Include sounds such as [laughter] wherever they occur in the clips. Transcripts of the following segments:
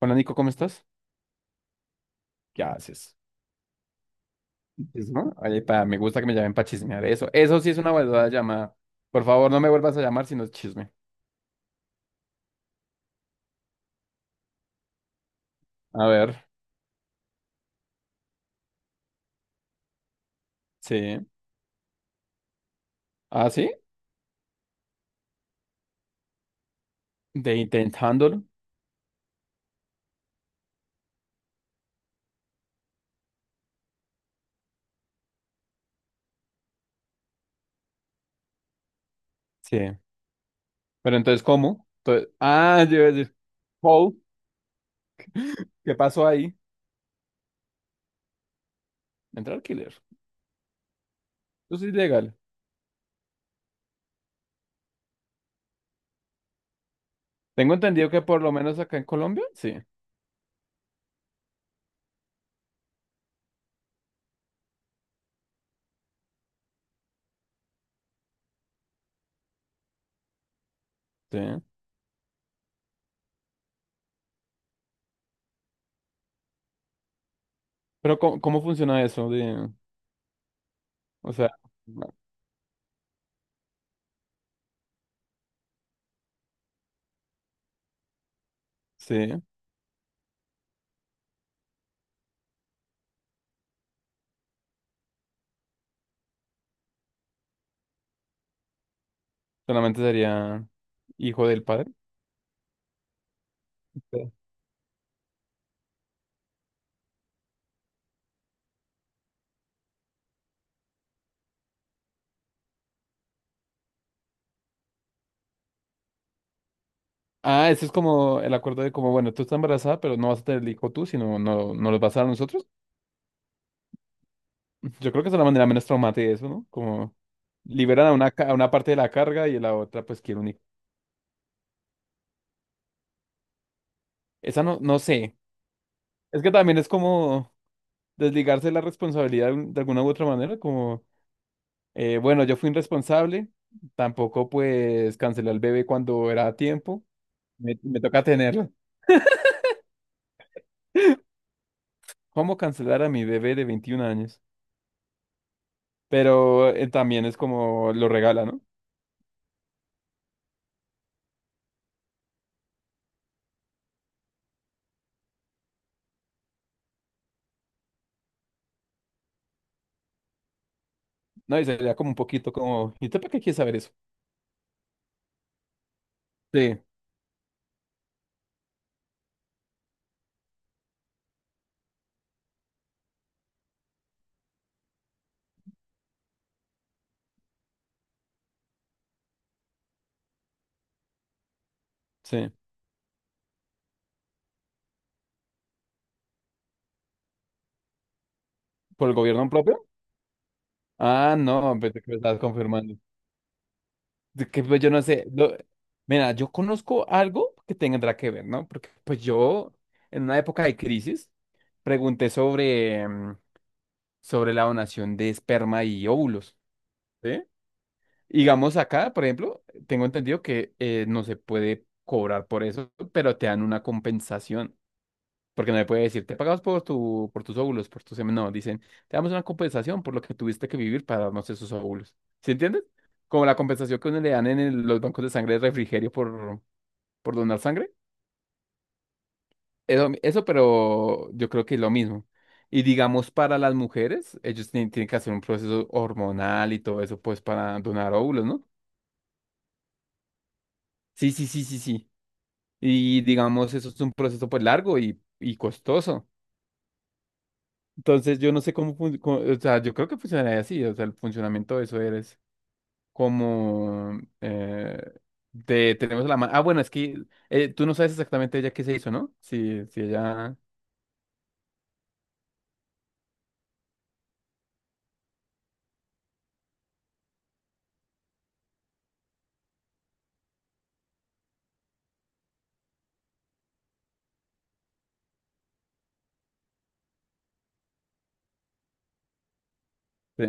Hola Nico, ¿cómo estás? ¿Qué haces? Dices, ¿no? Oye, pa, me gusta que me llamen para chismear eso. Eso sí es una verdadera llamada. Por favor, no me vuelvas a llamar si no es chisme. A ver, sí. ¿Ah, sí? De intentándolo. Sí. Pero entonces, ¿cómo? Entonces- ah, yo iba a decir, Paul, ¿qué pasó ahí? Entrar killer. Eso es ilegal. Tengo entendido que por lo menos acá en Colombia, sí. Sí. Pero ¿cómo, cómo funciona eso? De, o sea, no, sí. Solamente sería hijo del padre. Ah, ese es como el acuerdo de como, bueno, tú estás embarazada, pero no vas a tener el hijo tú, sino no, no los vas a dar a nosotros. Yo creo que es la manera menos traumática de eso, ¿no? Como liberan a una, ca- a una parte de la carga y a la otra pues quiere un hijo. Esa no, no sé. Es que también es como desligarse de la responsabilidad de un- de alguna u otra manera, como, bueno, yo fui irresponsable, tampoco pues cancelé al bebé cuando era a tiempo, me toca tenerlo. [laughs] ¿Cómo cancelar a mi bebé de 21 años? Pero también es como lo regala, ¿no? No, y sería como un poquito como, ¿y usted para qué quiere saber eso? Sí, sí. ¿Por el gobierno propio? Ah, no, pensé que me estás confirmando. De que pues yo no sé. Lo- mira, yo conozco algo que tendrá que ver, ¿no? Porque pues yo, en una época de crisis, pregunté sobre, sobre la donación de esperma y óvulos, ¿sí? Digamos acá, por ejemplo, tengo entendido que no se puede cobrar por eso, pero te dan una compensación. Porque no me puede decir, te pagamos por tu, por tus óvulos, por tus semen. No, dicen, te damos una compensación por lo que tuviste que vivir para darnos esos óvulos. ¿Sí entiendes? Como la compensación que uno le dan en el- los bancos de sangre de refrigerio por donar sangre. Eso, pero yo creo que es lo mismo. Y digamos, para las mujeres, ellos tienen que hacer un proceso hormonal y todo eso, pues, para donar óvulos, ¿no? Sí, sí, sí, sí, sí. Y digamos, eso es un proceso, pues, largo y costoso. Entonces, yo no sé cómo, fun- cómo- o sea, yo creo que funcionaría así, o sea, el funcionamiento de eso es como, de, tenemos la mano, ah, bueno, es que tú no sabes exactamente ella qué se hizo, ¿no? Si, si ella, sí.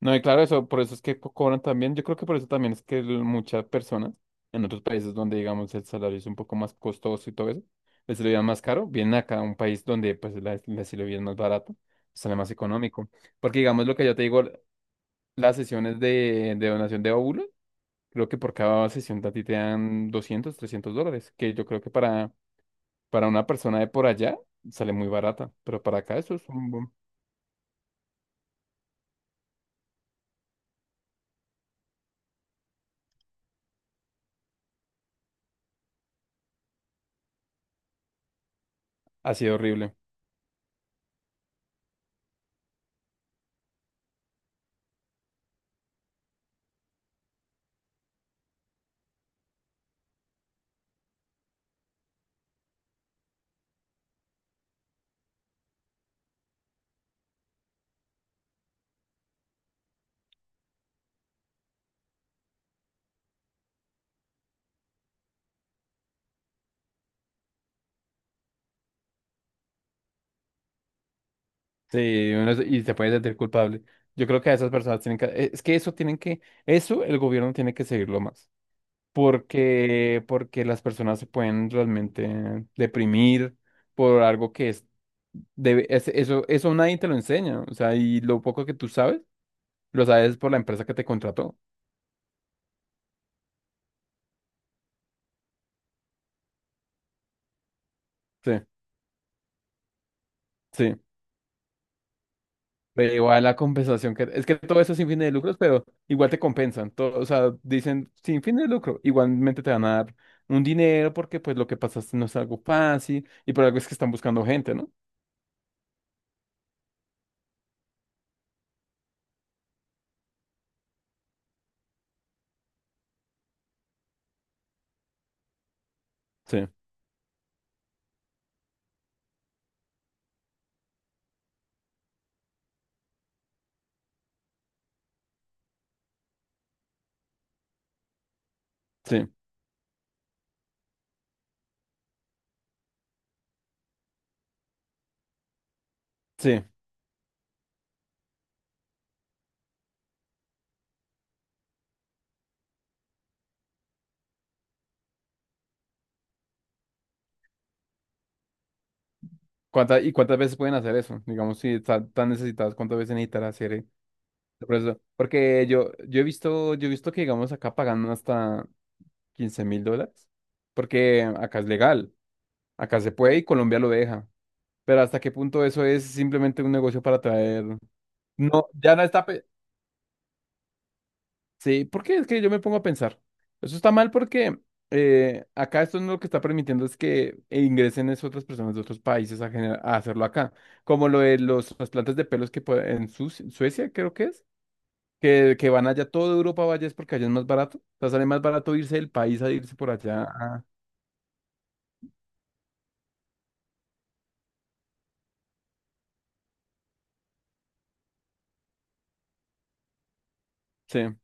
No, y claro, eso, por eso es que co- cobran también, yo creo que por eso también es que el- muchas personas en otros países donde, digamos, el salario es un poco más costoso y todo eso, les lo más caro, vienen acá a un país donde, pues, la es más barato, sale más económico, porque, digamos, lo que yo te digo, las sesiones de donación de óvulos, creo que por cada sesión a ti te dan $200 $300, que yo creo que para una persona de por allá sale muy barata, pero para acá eso es un boom. Ha sido horrible. Sí, uno es- y te puedes sentir culpable. Yo creo que a esas personas tienen que... Es que eso tienen que... Eso el gobierno tiene que seguirlo más. Porque, porque las personas se pueden realmente deprimir por algo que es... Debe, es- eso nadie te lo enseña. O sea, y lo poco que tú sabes, lo sabes por la empresa que te contrató. Sí. Sí. Pero igual la compensación que... Es que todo eso es sin fines de lucros, pero igual te compensan. Todo, o sea, dicen sin fines de lucro. Igualmente te van a dar un dinero porque pues lo que pasaste no es algo fácil y por algo es que están buscando gente, ¿no? Sí, sí, sí. ¿Cuánta y cuántas veces pueden hacer eso? Digamos, si están tan necesitadas, ¿cuántas veces necesitará hacer el proceso? Porque yo, yo he visto que, digamos, acá pagan hasta $15,000 porque acá es legal. Acá se puede y Colombia lo deja. Pero hasta qué punto eso es simplemente un negocio para traer. No, ya no está. Pe- sí, porque es que yo me pongo a pensar. Eso está mal porque acá esto no lo que está permitiendo es que ingresen es otras personas de otros países a, gener- a hacerlo acá. Como lo de los, las plantas de pelos que puede- en Suci- Suecia, creo que es, que van allá, toda Europa vaya es porque allá es más barato. O sea, sale más barato irse del país a irse por allá. Sí,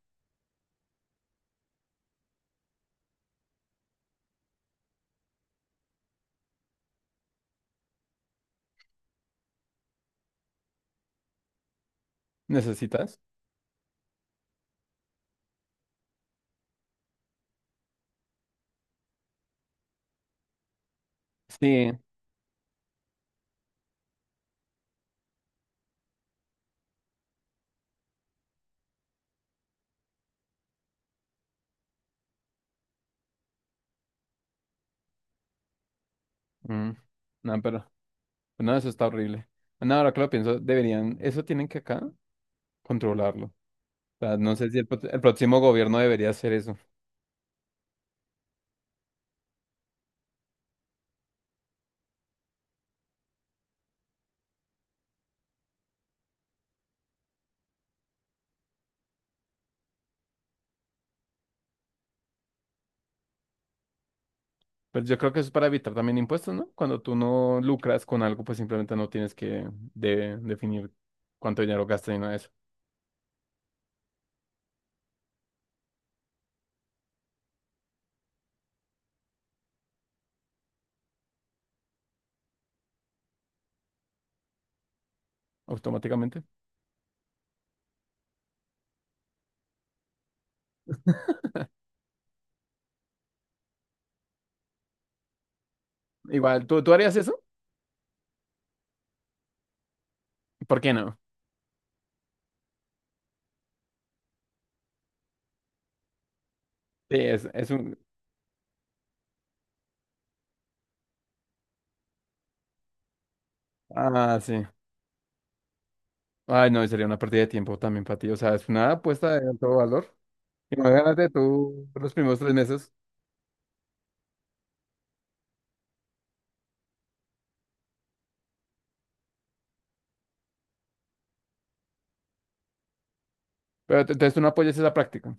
necesitas. Sí. Mm. No, pero. No, eso está horrible. No, ahora que lo pienso, deberían, eso tienen que acá controlarlo. O sea, no sé si el, pro- el próximo gobierno debería hacer eso. Pero yo creo que eso es para evitar también impuestos, ¿no? Cuando tú no lucras con algo, pues simplemente no tienes que de- definir cuánto dinero gastas y nada de eso, automáticamente. Igual, tú harías eso? ¿Por qué no? Sí, es un... Ah, sí. Ay, no, y sería una pérdida de tiempo también para ti. O sea, es una apuesta de alto valor. Imagínate tú los primeros 3 meses. Pero te- entonces tú no apoyas esa práctica.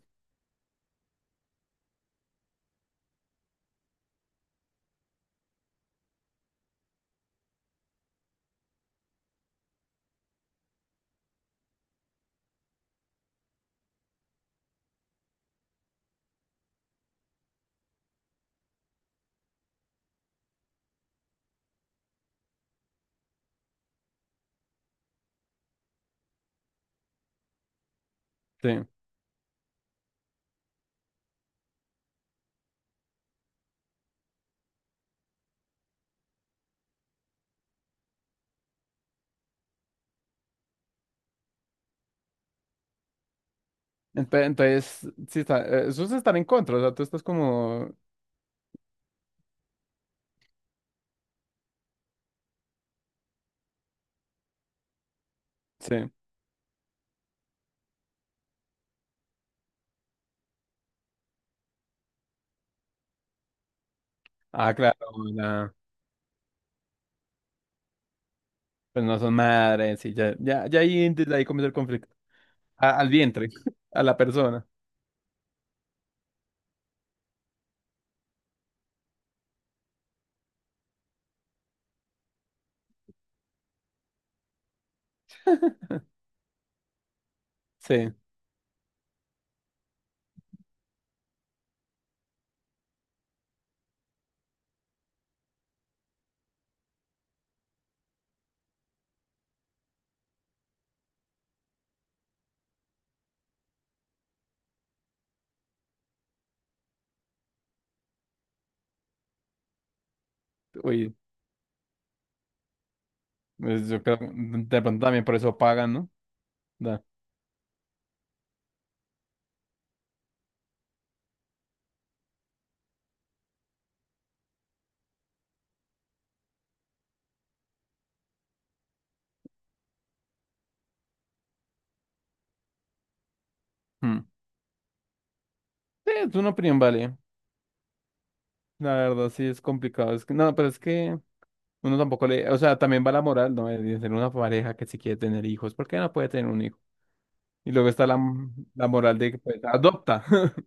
Sí. Ente- entonces, sí está, esos están en contra, o sea, tú estás como, sí, ah, claro, la- pues no son madres, y ya, ya, ya ahí, desde ahí comienza el conflicto. A- al vientre, [laughs] a la persona, sí, uy, pues yo creo, que de pronto también por eso pagan, ¿no? Da. Hmm. Sí, es una opinión, vale, la verdad, sí, es complicado, es que, no, pero es que uno tampoco le, o sea, también va la moral, ¿no? De tener una pareja que si quiere tener hijos, ¿por qué no puede tener un hijo? Y luego está la, la moral de que, pues, adopta, [laughs]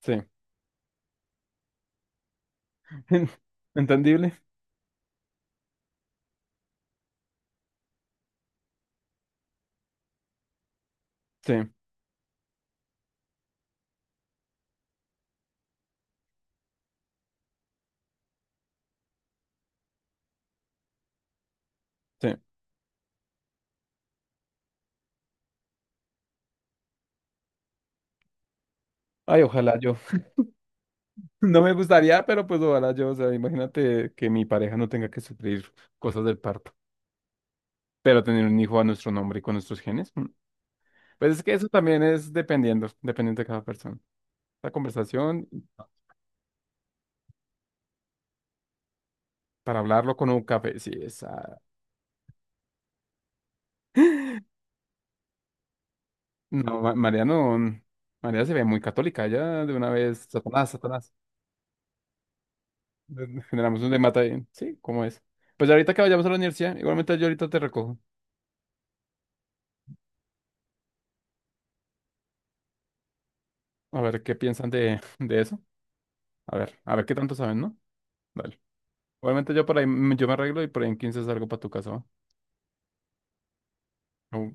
sí. [laughs] ¿Entendible? Sí, sí. Ay, ojalá yo. [laughs] No me gustaría, pero pues ojalá yo. O sea, imagínate que mi pareja no tenga que sufrir cosas del parto, pero tener un hijo a nuestro nombre y con nuestros genes. Mm. Pues es que eso también es dependiendo, dependiendo de cada persona. La conversación, para hablarlo con un café, sí, esa. No, Ma- María no. Mm, María se ve muy católica, ya de una vez, Satanás, Satanás. [laughs] Generamos un demata ahí. Sí, ¿cómo es? Pues ahorita que vayamos a la universidad, igualmente yo ahorita te recojo. A ver qué piensan de eso. A ver qué tanto saben, ¿no? Dale. Obviamente yo por ahí, me- yo me arreglo y por ahí en 15 salgo para tu casa, ¿va? O